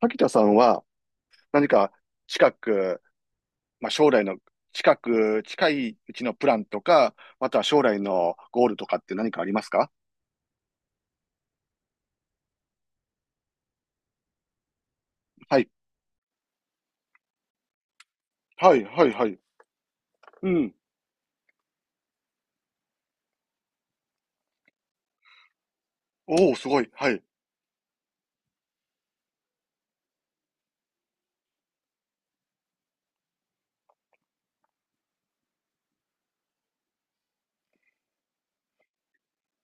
滝田さんは何か近く、まあ、将来の近く、近いうちのプランとか、または将来のゴールとかって何かありますか？はい。はい、はい、はい。うん。おお、すごい。はい。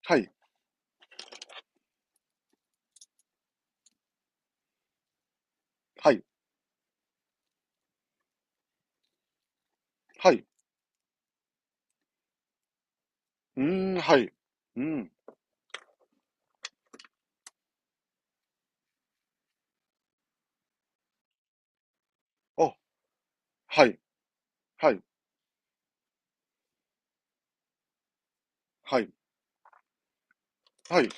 はい、はい、はい。うーん、はい。うん。お、はい、はい、はい、はい、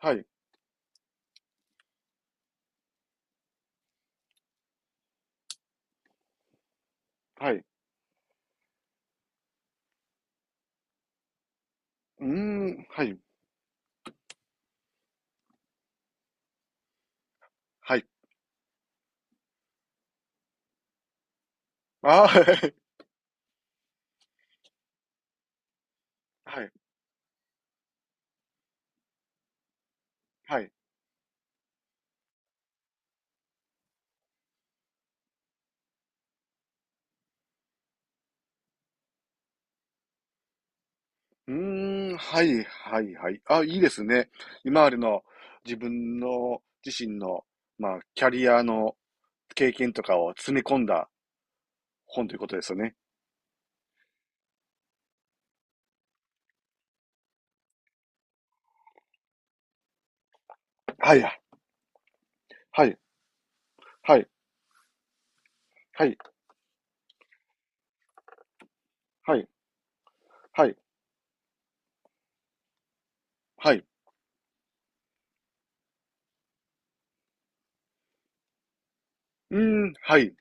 はい、はい。うーん、はい、はい。あ、はい、はい、はい。うーん、はい、はい、はい。あ、いいですね。今までの自分の自身の、まあ、キャリアの経験とかを詰め込んだ本ということですよね。はい、はい、はい、はい、はい、はい、はい、うーん、はい、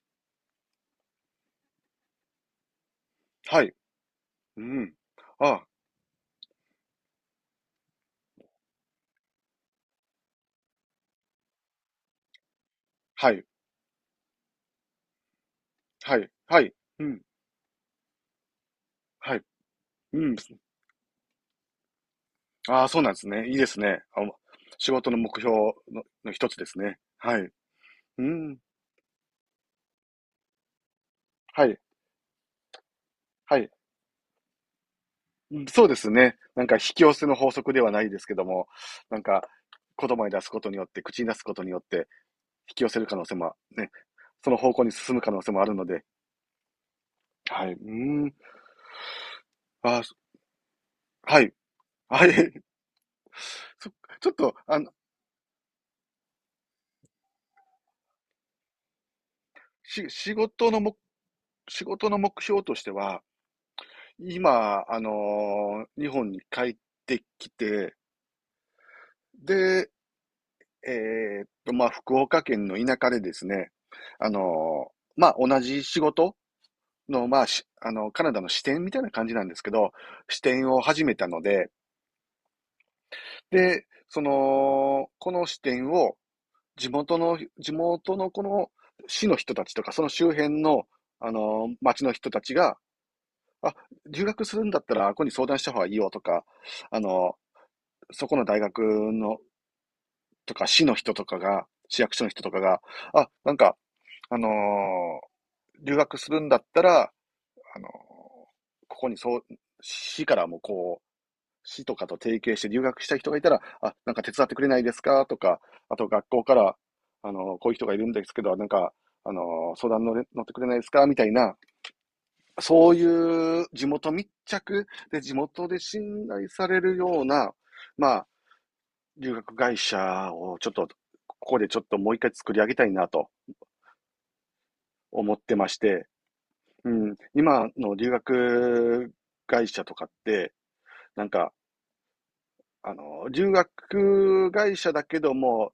はい、うん。あ、はい、はい、はい、うん、はい、うん。ああ、そうなんですね。いいですね。あ、仕事の目標の、の一つですね。はい。うん、はい、はい。うん、そうですね。なんか引き寄せの法則ではないですけども、なんか言葉に出すことによって、口に出すことによって引き寄せる可能性もね、その方向に進む可能性もあるので、はい。うーん。あ、そ、はい。はい。そ、ちょっと、し、仕事のも、仕事の目標としては、今、日本に帰ってきて、で、まあ、福岡県の田舎でですね、まあ、同じ仕事の、まあ、し、カナダの支店みたいな感じなんですけど、支店を始めたので、で、その、この支店を地元の、地元のこの市の人たちとか、その周辺の、町の人たちが、あ、留学するんだったら、ここに相談した方がいいよとか、あの、そこの大学の、とか、市の人とかが、市役所の人とかが、あ、あのー留学するんだったら、あのーここにそう、市からもこう、市とかと提携して留学したい人がいたら、あ、なんか手伝ってくれないですかとか、あと学校から、こういう人がいるんですけど、なんか、相談乗ってくれないですかみたいな、そういう地元密着で地元で信頼されるような、まあ、留学会社をちょっと、ここでちょっともう一回作り上げたいなと思ってまして、うん、今の留学会社とかって、なんか、留学会社だけども、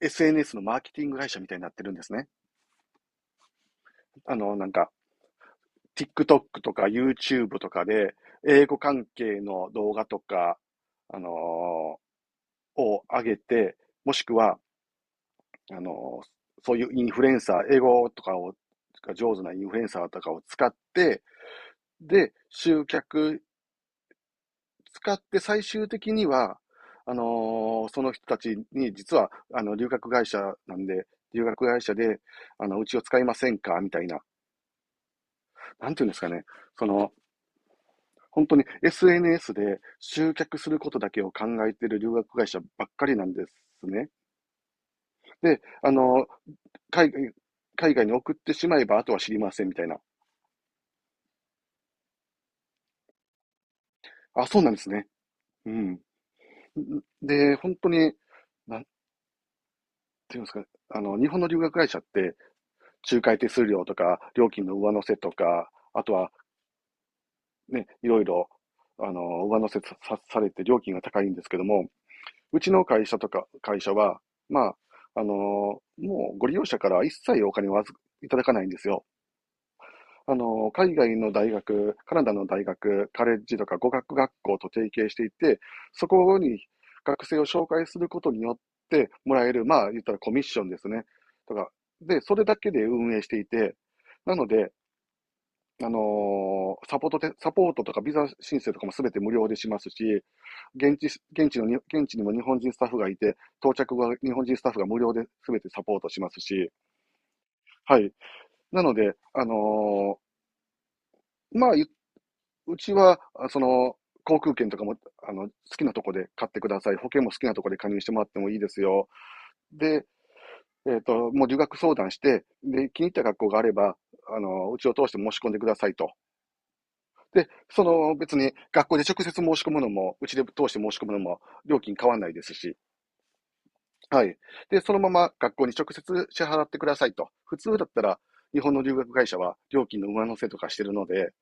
SNS のマーケティング会社みたいになってるんですね。あの、なんか、TikTok とか YouTube とかで、英語関係の動画とか、あのーを上げて、もしくは、あのーそういうインフルエンサー、英語とかを、が上手なインフルエンサーとかを使って、で、集客使って最終的には、その人たちに、実は、留学会社なんで、留学会社で、うちを使いませんかみたいな、なんていうんですかね、その、本当に SNS で集客することだけを考えている留学会社ばっかりなんですね。で、海外、海外に送ってしまえば、あとは知りませんみたいな。あ、そうなんですね。うん。で、本当に、なんていうんですかね、日本の留学会社って、仲介手数料とか、料金の上乗せとか、あとはね、いろいろ、上乗せされて料金が高いんですけども、うちの会社とか、会社は、まあ、もうご利用者から一切お金をいただかないんですよ。海外の大学、カナダの大学、カレッジとか語学学校と提携していて、そこに学生を紹介することによってもらえる、まあ、言ったらコミッションですね。とか、で、それだけで運営していて、なので、サポートて、サポートとかビザ申請とかもすべて無料でしますし、現地、現地のに、現地にも日本人スタッフがいて、到着後は日本人スタッフが無料ですべてサポートしますし、はい。なので、まあ、うちは、その、航空券とかも、好きなとこで買ってください。保険も好きなとこで加入してもらってもいいですよ。で、えっと、もう留学相談して、で、気に入った学校があれば、うちを通して申し込んでくださいと。で、その別に学校で直接申し込むのも、うちで通して申し込むのも料金変わんないですし、はい。で、そのまま学校に直接支払ってくださいと。普通だったら、日本の留学会社は料金の上乗せとかしてるので、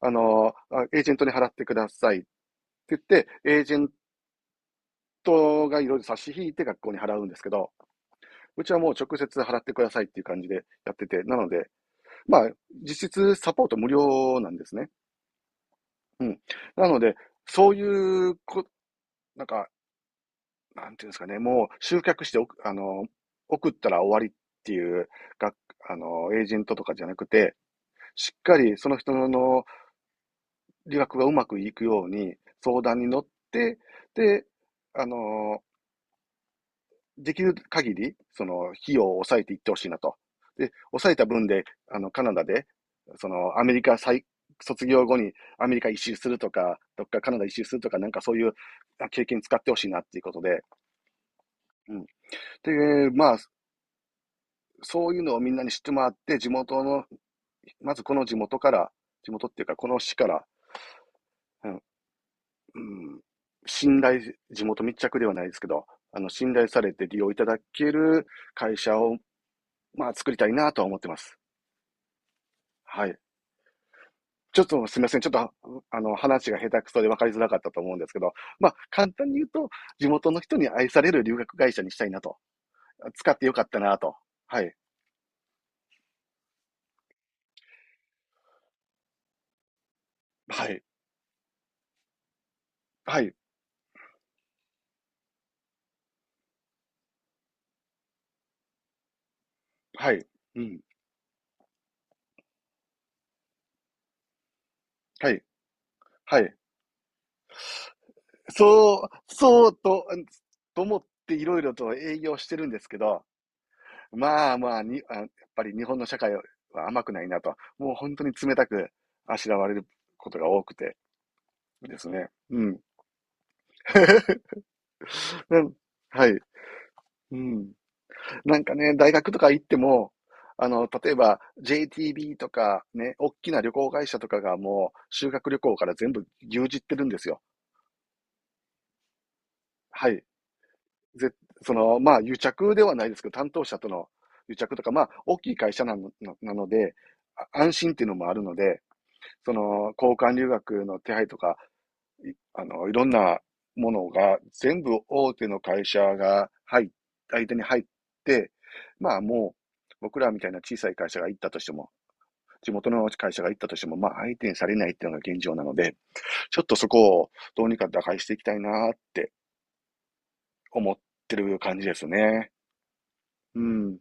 あの、エージェントに払ってくださいって言って、エージェントがいろいろ差し引いて学校に払うんですけど、うちはもう直接払ってくださいっていう感じでやってて、なので、まあ、実質サポート無料なんですね。うん。なので、そういうこ、なんか、なんていうんですかね、もう集客しておく、送ったら終わりっていう、が、エージェントとかじゃなくて、しっかりその人の理学がうまくいくように相談に乗って、で、あの、できる限り、その、費用を抑えていってほしいなと。で、抑えた分で、カナダで、その、アメリカ再、卒業後にアメリカ一周するとか、どっかカナダ一周するとか、なんかそういう経験使ってほしいなっていうことで、うん。で、まあ、そういうのをみんなに知ってもらって、地元の、まずこの地元から、地元っていうか、この市から、うん、うん、信頼、地元密着ではないですけど、信頼されて利用いただける会社を、まあ、作りたいなとは思ってます。はい。ちょっとすみません。ちょっと、話が下手くそで分かりづらかったと思うんですけど、まあ、簡単に言うと、地元の人に愛される留学会社にしたいなと。使ってよかったなと。はい。はい。はい。はい。うん。はい。はい。そう、そうと、と思っていろいろと営業してるんですけど、まあまあに、あ、やっぱり日本の社会は甘くないなと、もう本当に冷たくあしらわれることが多くてですね。うん。なん、はい。うん。なんかね、大学とか行っても、例えば JTB とかね、大きな旅行会社とかがもう修学旅行から全部牛耳ってるんですよ。はい。ぜ、その、まあ、癒着ではないですけど、担当者との癒着とか、まあ、大きい会社なの、なので、安心っていうのもあるので、その、交換留学の手配とか、い、いろんなものが、全部大手の会社が入っ、相手に入って、まあ、もう、僕らみたいな小さい会社が行ったとしても、地元の会社が行ったとしても、まあ、相手にされないっていうのが現状なので、ちょっとそこをどうにか打開していきたいなって思ってる感じですね。うん。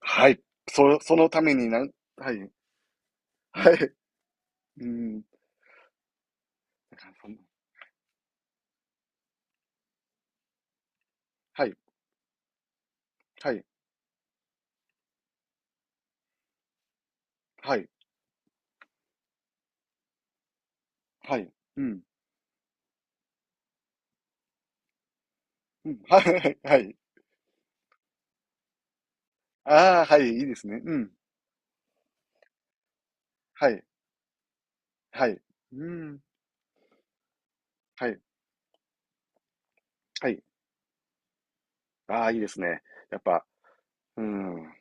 はい。そ、そのためになん、はい、はい、うん。だからその、はい、はい、はい、はい、うん、うん、はい、はい。ああ、はい、いいですね。うん、はい、はい、うん、はい、はい。ああ、いいですね。やっぱ、うん。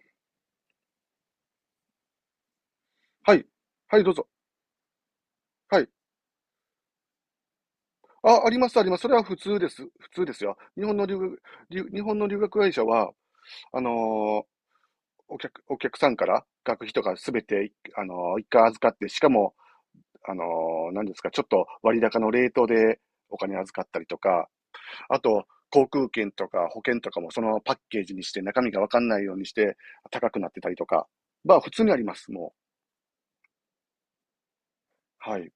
はい、はい、どうぞ。はい。あ、あります、あります。それは普通です。普通ですよ。日本の留学、日本の留学会社は、あのーお客、お客さんから学費とかすべて、一回預かって、しかも、あの何ですか、ちょっと割高のレートでお金預かったりとか、あと、航空券とか保険とかもそのパッケージにして中身がわかんないようにして高くなってたりとか、まあ普通にあります、もう。はい。